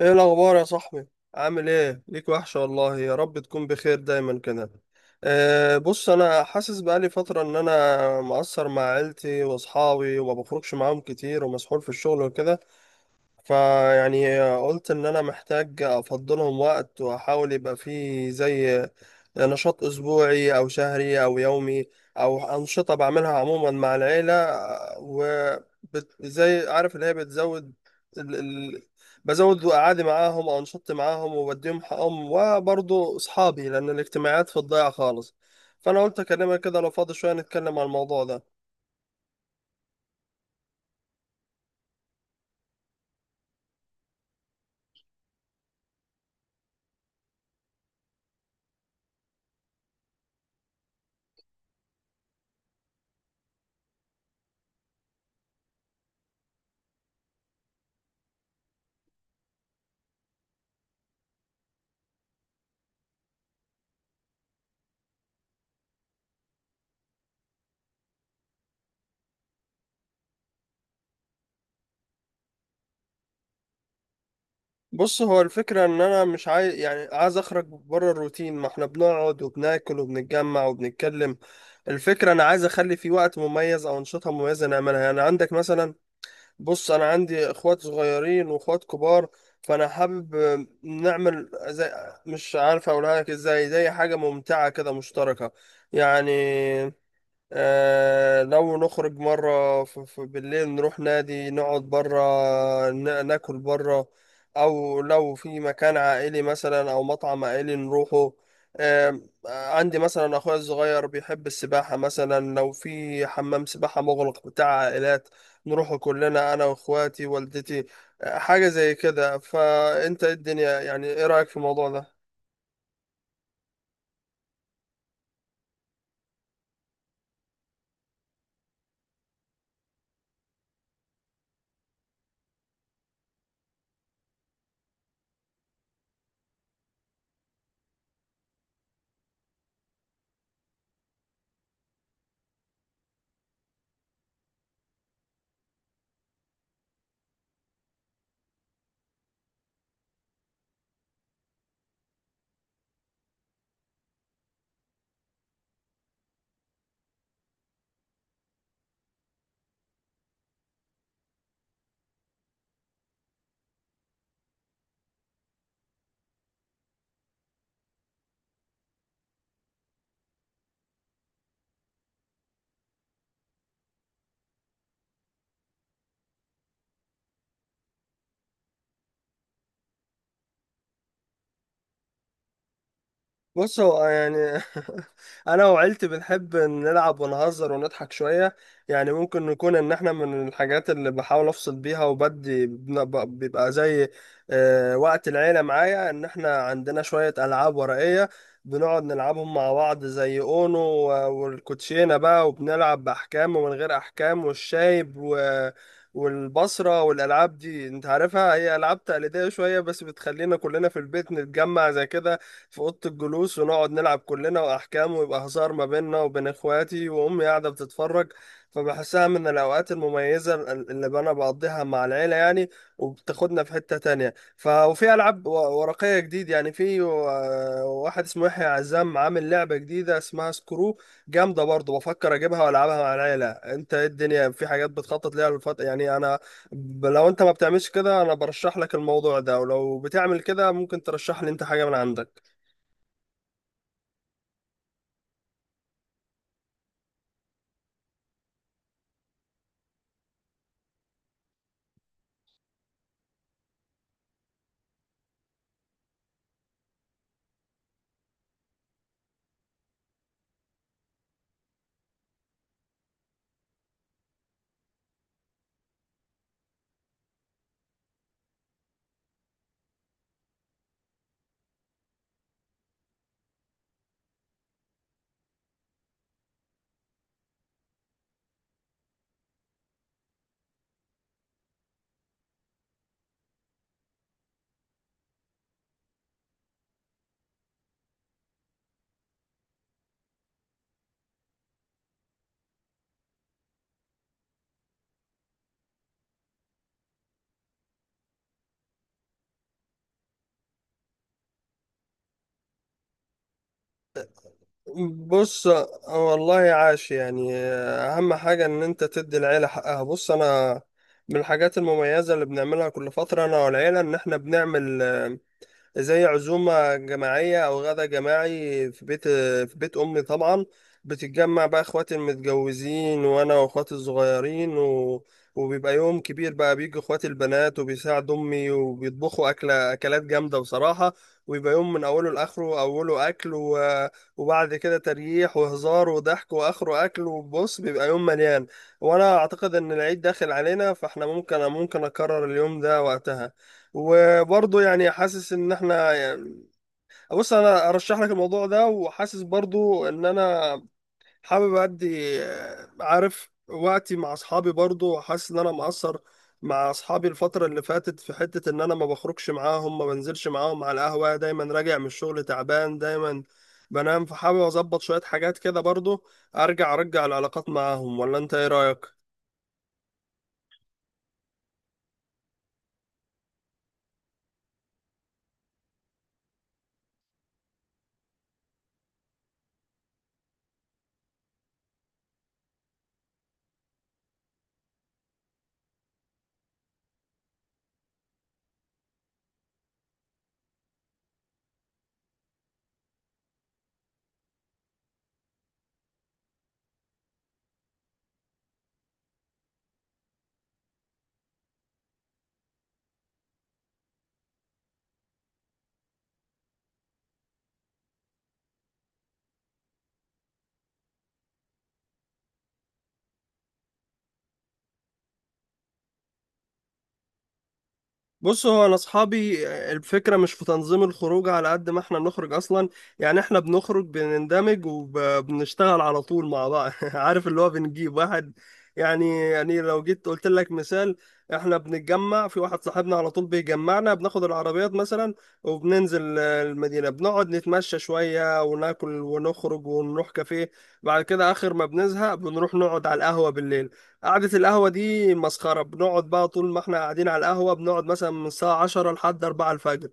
ايه الاخبار يا صاحبي؟ عامل ايه؟ ليك وحشه والله، يا رب تكون بخير دايما كده. أه، بص انا حاسس بقالي فتره ان انا مقصر مع عيلتي واصحابي وما بخرجش معاهم كتير ومسحول في الشغل وكده. فيعني قلت ان انا محتاج افضلهم وقت واحاول يبقى فيه زي نشاط أسبوعي أو شهري أو يومي، أو أنشطة بعملها عموما مع العيلة. وزي عارف اللي هي بتزود ال... ال... بزود قعدي معاهم أو أنشطتي معاهم وبديهم حقهم وبرضه أصحابي، لأن الاجتماعات في الضيعة خالص. فأنا قلت أكلمك كده لو فاضي شوية نتكلم عن الموضوع ده. بص هو الفكرة إن أنا مش عايز، يعني عايز أخرج بره الروتين، ما إحنا بنقعد وبناكل وبنتجمع وبنتكلم. الفكرة أنا عايز أخلي في وقت مميز أو أنشطة مميزة نعملها. يعني عندك مثلا، بص أنا عندي إخوات صغيرين وإخوات كبار، فأنا حابب نعمل زي، مش عارف أقولها لك إزاي، زي حاجة ممتعة كده مشتركة. يعني لو نخرج مرة بالليل نروح نادي نقعد برا، ناكل برا، أو لو في مكان عائلي مثلا أو مطعم عائلي نروحه. آه عندي مثلا أخويا الصغير بيحب السباحة، مثلا لو في حمام سباحة مغلق بتاع عائلات نروحه كلنا، أنا وإخواتي والدتي. حاجة زي كده. فأنت إيه الدنيا؟ يعني إيه رأيك في الموضوع ده؟ بص هو يعني انا وعيلتي بنحب نلعب ونهزر ونضحك شويه. يعني ممكن نكون ان احنا من الحاجات اللي بحاول افصل بيها، وبدي بيبقى زي وقت العيله معايا، ان احنا عندنا شويه العاب ورقيه بنقعد نلعبهم مع بعض، زي اونو والكوتشينه بقى، وبنلعب باحكام ومن غير احكام، والشايب و والبصرة، والألعاب دي أنت عارفها هي ألعاب تقليدية شوية، بس بتخلينا كلنا في البيت نتجمع زي كده في اوضه الجلوس، ونقعد نلعب كلنا واحكام، ويبقى هزار ما بيننا وبين اخواتي، وامي قاعده بتتفرج. فبحسها من الاوقات المميزه اللي انا بقضيها مع العيله يعني. وبتاخدنا في حته تانية، وفي العاب ورقيه جديد يعني. في واحد اسمه يحيى عزام عامل لعبه جديده اسمها سكرو، جامده برضه، بفكر اجيبها والعبها مع العيله. انت ايه الدنيا؟ في حاجات بتخطط ليها الفتره؟ يعني انا، لو انت ما بتعملش كده انا برشح لك الموضوع ده، ولو بتعمل كده ممكن ترشح لي انت حاجة من عندك. بص والله عاش. يعني اهم حاجة ان انت تدي العيلة حقها. بص انا من الحاجات المميزة اللي بنعملها كل فترة انا والعيلة ان احنا بنعمل زي عزومة جماعية أو غدا جماعي في بيت في بيت أمي طبعا. بتتجمع بقى إخواتي المتجوزين وأنا وإخواتي الصغيرين، وبيبقى يوم كبير بقى، بيجي إخواتي البنات وبيساعدوا أمي وبيطبخوا أكلة، أكلات جامدة بصراحة. ويبقى يوم من أوله لآخره، أوله أكل وبعد كده تريح وهزار وضحك، وآخره أكل. وبص بيبقى يوم مليان. وأنا أعتقد إن العيد داخل علينا فإحنا ممكن أكرر اليوم ده وقتها. وبرضه يعني حاسس ان احنا يعني، بص انا ارشح لك الموضوع ده، وحاسس برضه ان انا حابب ادي عارف وقتي مع اصحابي، برضه حاسس ان انا مقصر مع اصحابي الفترة اللي فاتت، في حتة ان انا ما بخرجش معاهم، ما بنزلش معاهم على القهوة، دايما راجع من الشغل تعبان، دايما بنام، فحابب اظبط شوية حاجات كده برضه ارجع العلاقات معاهم. ولا انت ايه رأيك؟ بص هو انا اصحابي الفكره مش في تنظيم الخروج على قد ما احنا بنخرج اصلا. يعني احنا بنخرج بنندمج وبنشتغل على طول مع بعض. عارف اللي هو بنجيب واحد، يعني لو جيت قلت لك مثال، احنا بنتجمع في واحد صاحبنا على طول بيجمعنا، بناخد العربيات مثلا وبننزل المدينه، بنقعد نتمشى شويه وناكل ونخرج ونروح كافيه. بعد كده اخر ما بنزهق بنروح نقعد على القهوه بالليل. قعدة القهوة دي مسخرة، بنقعد بقى طول ما احنا قاعدين على القهوة بنقعد مثلا من الساعة 10 لحد 4 الفجر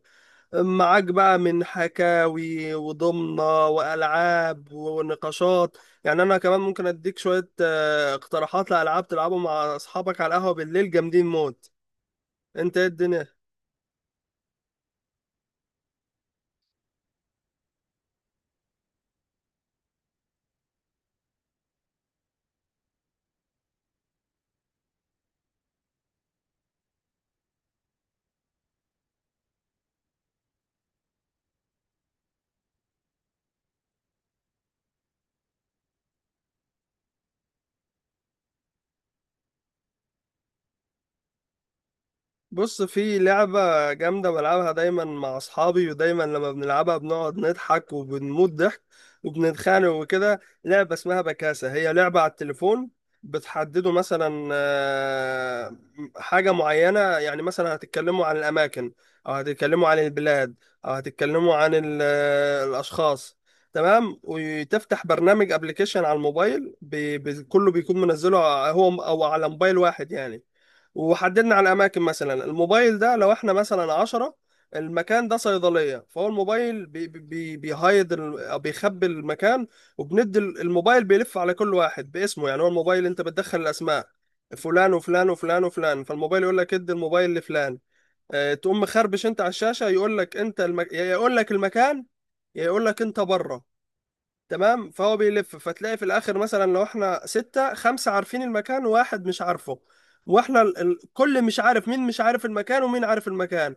معاك بقى، من حكاوي وضمنة وألعاب ونقاشات. يعني أنا كمان ممكن أديك شوية اقتراحات لألعاب تلعبوا مع أصحابك على القهوة بالليل، جامدين موت. أنت إيه الدنيا؟ بص في لعبة جامدة بلعبها دايما مع أصحابي، ودايما لما بنلعبها بنقعد نضحك وبنموت ضحك وبنتخانق وكده. لعبة اسمها بكاسة، هي لعبة على التليفون. بتحددوا مثلا حاجة معينة، يعني مثلا هتتكلموا عن الأماكن، أو هتتكلموا عن البلاد، أو هتتكلموا عن الأشخاص. تمام. وتفتح برنامج أبليكيشن على الموبايل، بي بي كله بيكون منزله هو أو على موبايل واحد يعني. وحددنا على الأماكن مثلا، الموبايل ده لو احنا مثلا 10، المكان ده صيدلية، فهو الموبايل بي بي بيهايد أو بيخبي المكان. وبندي الموبايل بيلف على كل واحد باسمه. يعني هو الموبايل انت بتدخل الأسماء، فلان وفلان وفلان وفلان، فالموبايل يقول لك ادي الموبايل لفلان. اه تقوم مخربش انت على الشاشة، يقول لك انت يا يقول لك المكان، يا يقول لك انت بره. تمام. فهو بيلف، فتلاقي في الاخر مثلا لو احنا ستة خمسة عارفين المكان وواحد مش عارفه، واحنا كل مش عارف مين مش عارف المكان ومين عارف المكان.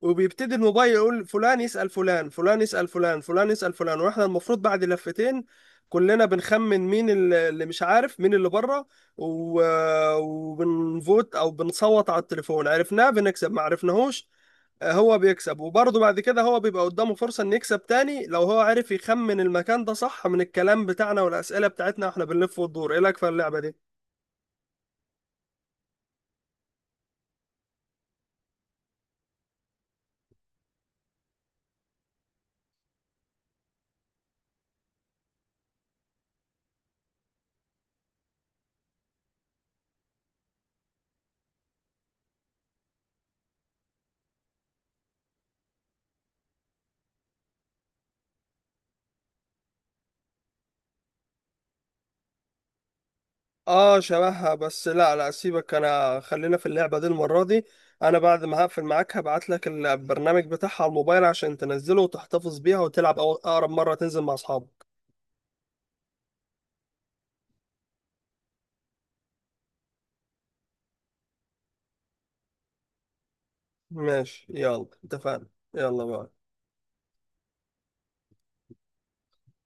وبيبتدي الموبايل يقول فلان يسأل فلان، فلان يسأل فلان، فلان يسأل فلان، واحنا المفروض بعد لفتين كلنا بنخمن مين اللي مش عارف، مين اللي بره. وبنفوت او بنصوت على التليفون، عرفناه بنكسب، ما عرفناهوش هو بيكسب. وبرضه بعد كده هو بيبقى قدامه فرصة ان يكسب تاني لو هو عرف يخمن المكان ده صح من الكلام بتاعنا والأسئلة بتاعتنا واحنا بنلف وندور. ايه لك في اللعبة دي؟ اه شبهها، بس لا لا سيبك، انا خلينا في اللعبة دي المرة دي. انا بعد ما هقفل معاك هبعت لك البرنامج بتاعها على الموبايل عشان تنزله وتحتفظ بيها وتلعب اقرب مرة تنزل مع اصحابك. ماشي، يلا اتفقنا. يلا بقى.